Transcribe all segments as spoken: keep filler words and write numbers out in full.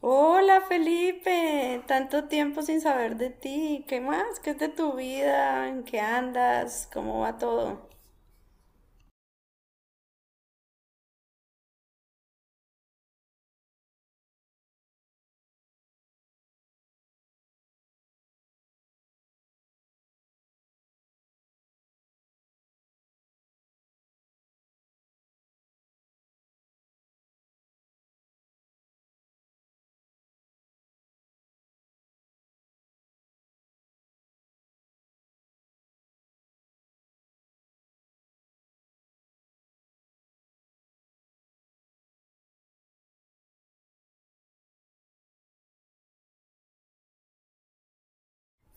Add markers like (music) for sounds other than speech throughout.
Hola Felipe, tanto tiempo sin saber de ti. ¿Qué más? ¿Qué es de tu vida? ¿En qué andas? ¿Cómo va todo?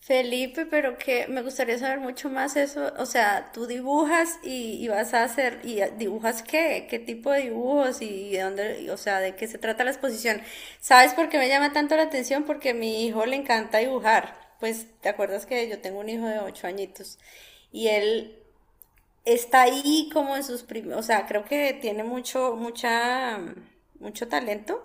Felipe, pero que me gustaría saber mucho más eso. O sea, tú dibujas y, y vas a hacer, y eh, dibujas qué, qué tipo de dibujos y de dónde, y, o sea, de qué se trata la exposición. ¿Sabes por qué me llama tanto la atención? Porque a mi hijo le encanta dibujar. Pues, ¿te acuerdas que yo tengo un hijo de ocho añitos? Y él está ahí como en sus primeros, o sea, creo que tiene mucho, mucha, mucho talento,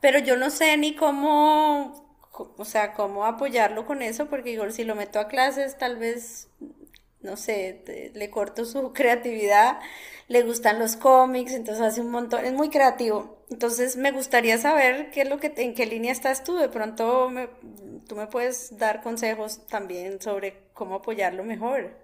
pero yo no sé ni cómo, co- o sea, cómo apoyarlo con eso, porque igual si lo meto a clases, tal vez, no sé, te- le corto su (laughs) creatividad, le gustan los cómics, entonces hace un montón, es muy creativo. Entonces me gustaría saber qué es lo que, te- en qué línea estás tú, de pronto me- tú me puedes dar consejos también sobre cómo apoyarlo mejor.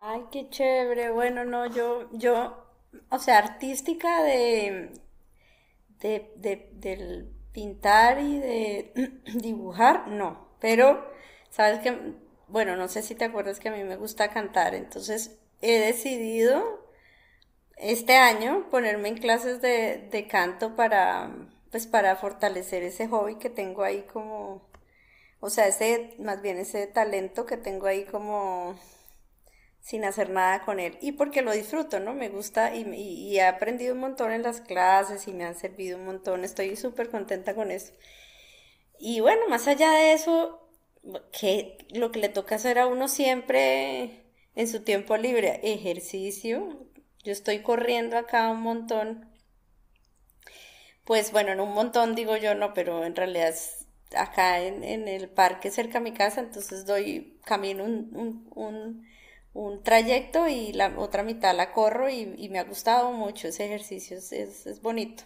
Ay, qué chévere. Bueno, no, yo, yo, o sea, artística de, de, de- del pintar y de (clears throat) dibujar, no. Pero, sabes que, bueno, no sé si te acuerdas que a mí me gusta cantar, entonces he decidido este año ponerme en clases de, de canto para, pues, para fortalecer ese hobby que tengo ahí como, o sea, ese, más bien ese talento que tengo ahí como sin hacer nada con él. Y porque lo disfruto, ¿no? Me gusta y, y, y he aprendido un montón en las clases y me han servido un montón. Estoy súper contenta con eso. Y bueno, más allá de eso, que lo que le toca hacer a uno siempre en su tiempo libre, ejercicio. Yo estoy corriendo acá un montón, pues bueno, en un montón digo yo no, pero en realidad es acá en, en el parque cerca a mi casa, entonces doy camino un, un, un, un trayecto y la otra mitad la corro y, y me ha gustado mucho ese ejercicio, es, es, es bonito.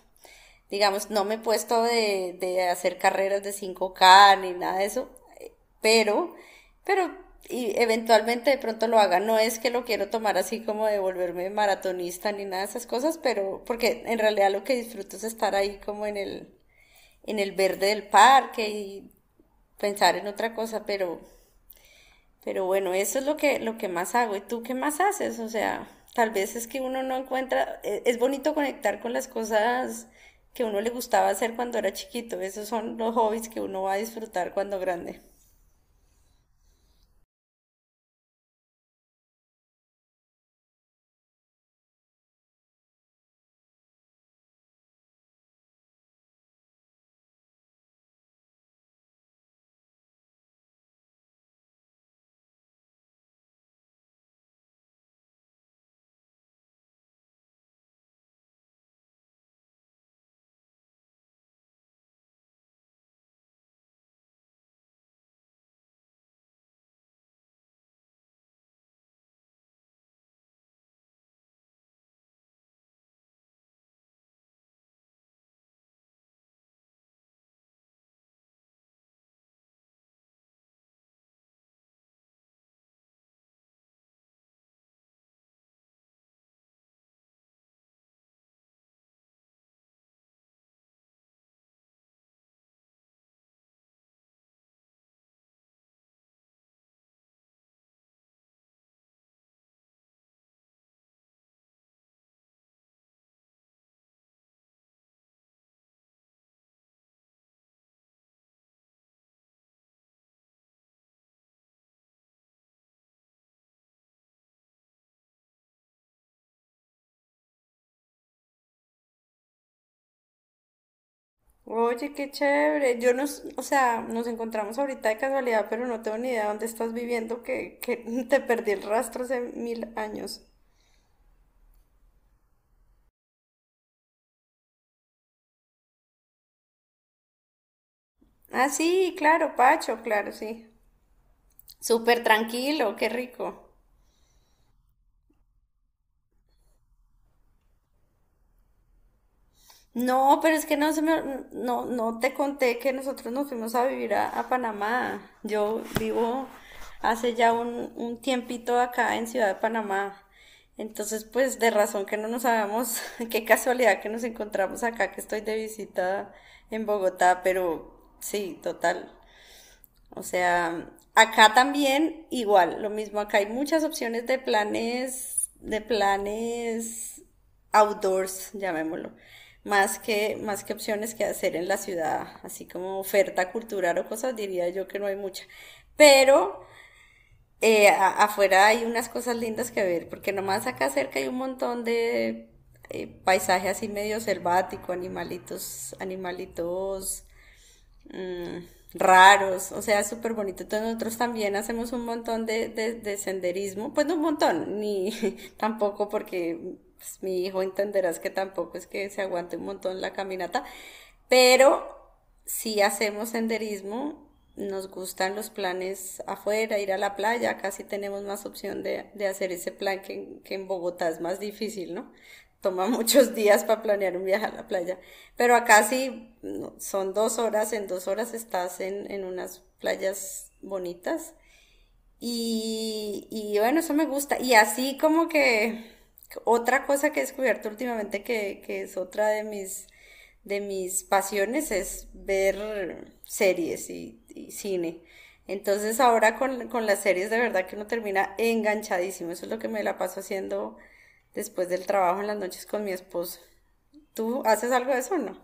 Digamos, no me he puesto de, de hacer carreras de cinco k ni nada de eso, pero, pero y eventualmente de pronto lo haga. No es que lo quiero tomar así como de volverme maratonista ni nada de esas cosas, pero porque en realidad lo que disfruto es estar ahí como en el, en el verde del parque y pensar en otra cosa, pero, pero bueno, eso es lo que, lo que más hago. ¿Y tú qué más haces? O sea, tal vez es que uno no encuentra, e, es bonito conectar con las cosas que uno le gustaba hacer cuando era chiquito. Esos son los hobbies que uno va a disfrutar cuando grande. Oye, qué chévere. Yo nos, o sea, nos encontramos ahorita de casualidad, pero no tengo ni idea dónde estás viviendo, que, que (laughs) te perdí el rastro hace mil años. Ah, sí, claro, Pacho, claro, sí. Súper tranquilo, qué rico. No, pero es que no se me, no, no te conté que nosotros nos fuimos a vivir a, a Panamá. Yo vivo hace ya un, un tiempito acá en Ciudad de Panamá. Entonces, pues de razón que no nos sabemos, (laughs) qué casualidad que nos encontramos acá, que estoy de visita en Bogotá, pero sí, total. O sea, acá también igual, lo mismo, acá hay muchas opciones de planes, de planes outdoors, llamémoslo, más que, más que opciones que hacer en la ciudad, así como oferta cultural o cosas, diría yo que no hay mucha. Pero eh, a- afuera hay unas cosas lindas que ver, porque nomás acá cerca hay un montón de eh, paisaje así medio selvático, animalitos, animalitos mm, raros, o sea, es súper bonito. Entonces nosotros también hacemos un montón de, de, de senderismo, pues no un montón, ni (laughs) tampoco porque pues, mi hijo entenderás que tampoco es que se aguante un montón la caminata, pero si hacemos senderismo, nos gustan los planes afuera, ir a la playa, casi tenemos más opción de, de hacer ese plan que, en- que en Bogotá es más difícil, ¿no? Toma muchos días para planear un viaje a la playa. Pero acá sí no, son dos horas, en dos horas estás en, en unas playas bonitas y, y bueno, eso me gusta. Y así como que otra cosa que he descubierto últimamente que, que es otra de mis, de mis pasiones es ver series y, y cine. Entonces ahora con, con las series de verdad que uno termina enganchadísimo. Eso es lo que me la paso haciendo después del trabajo en las noches con mi esposo. ¿Tú haces algo de eso o no?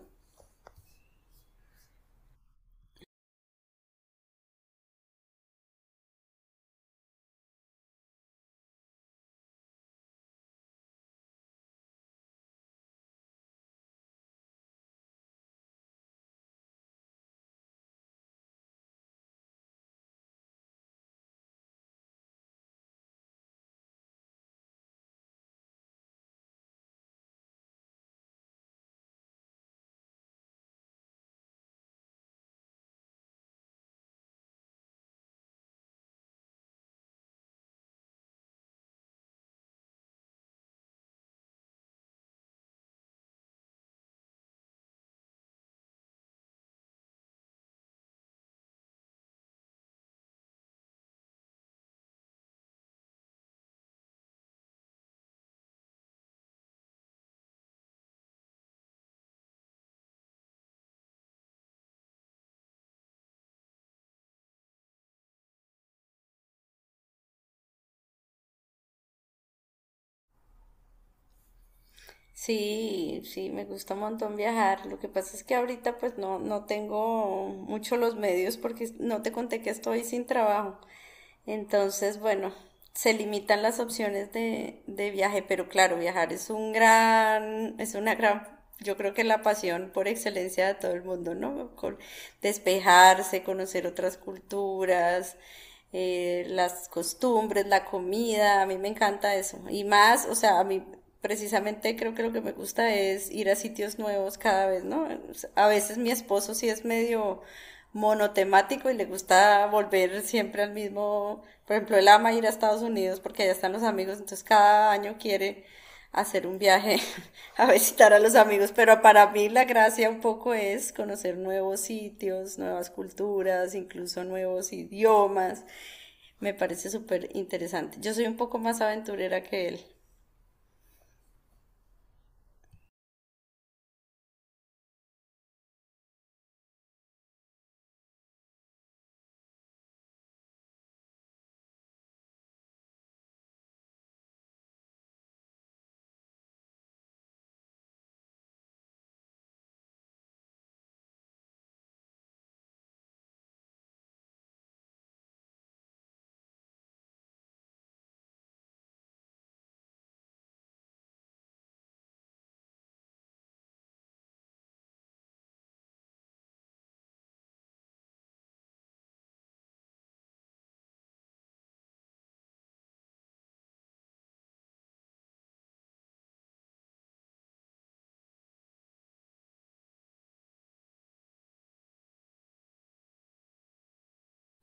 Sí, sí, me gusta un montón viajar. Lo que pasa es que ahorita pues no, no tengo mucho los medios porque no te conté que estoy sin trabajo. Entonces, bueno, se limitan las opciones de, de viaje, pero claro, viajar es un gran, es una gran, yo creo que la pasión por excelencia de todo el mundo, ¿no? Con- despejarse, conocer otras culturas, eh, las costumbres, la comida, a mí me encanta eso. Y más, o sea, a mí precisamente creo que lo que me gusta es ir a sitios nuevos cada vez, ¿no? A veces mi esposo sí es medio monotemático y le gusta volver siempre al mismo, por ejemplo, él ama ir a Estados Unidos porque allá están los amigos, entonces cada año quiere hacer un viaje (laughs) a visitar a los amigos, pero para mí la gracia un poco es conocer nuevos sitios, nuevas culturas, incluso nuevos idiomas. Me parece súper interesante. Yo soy un poco más aventurera que él.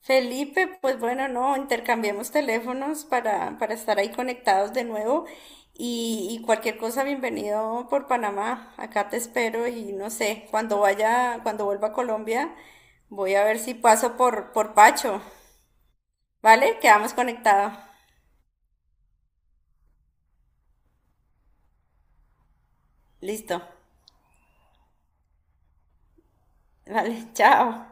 Felipe, pues bueno, no, intercambiemos teléfonos para, para estar ahí conectados de nuevo y, y cualquier cosa, bienvenido por Panamá. Acá te espero y no sé, cuando vaya, cuando vuelva a Colombia, voy a ver si paso por, por Pacho. ¿Vale? Quedamos conectados. Listo. Vale, (laughs) chao.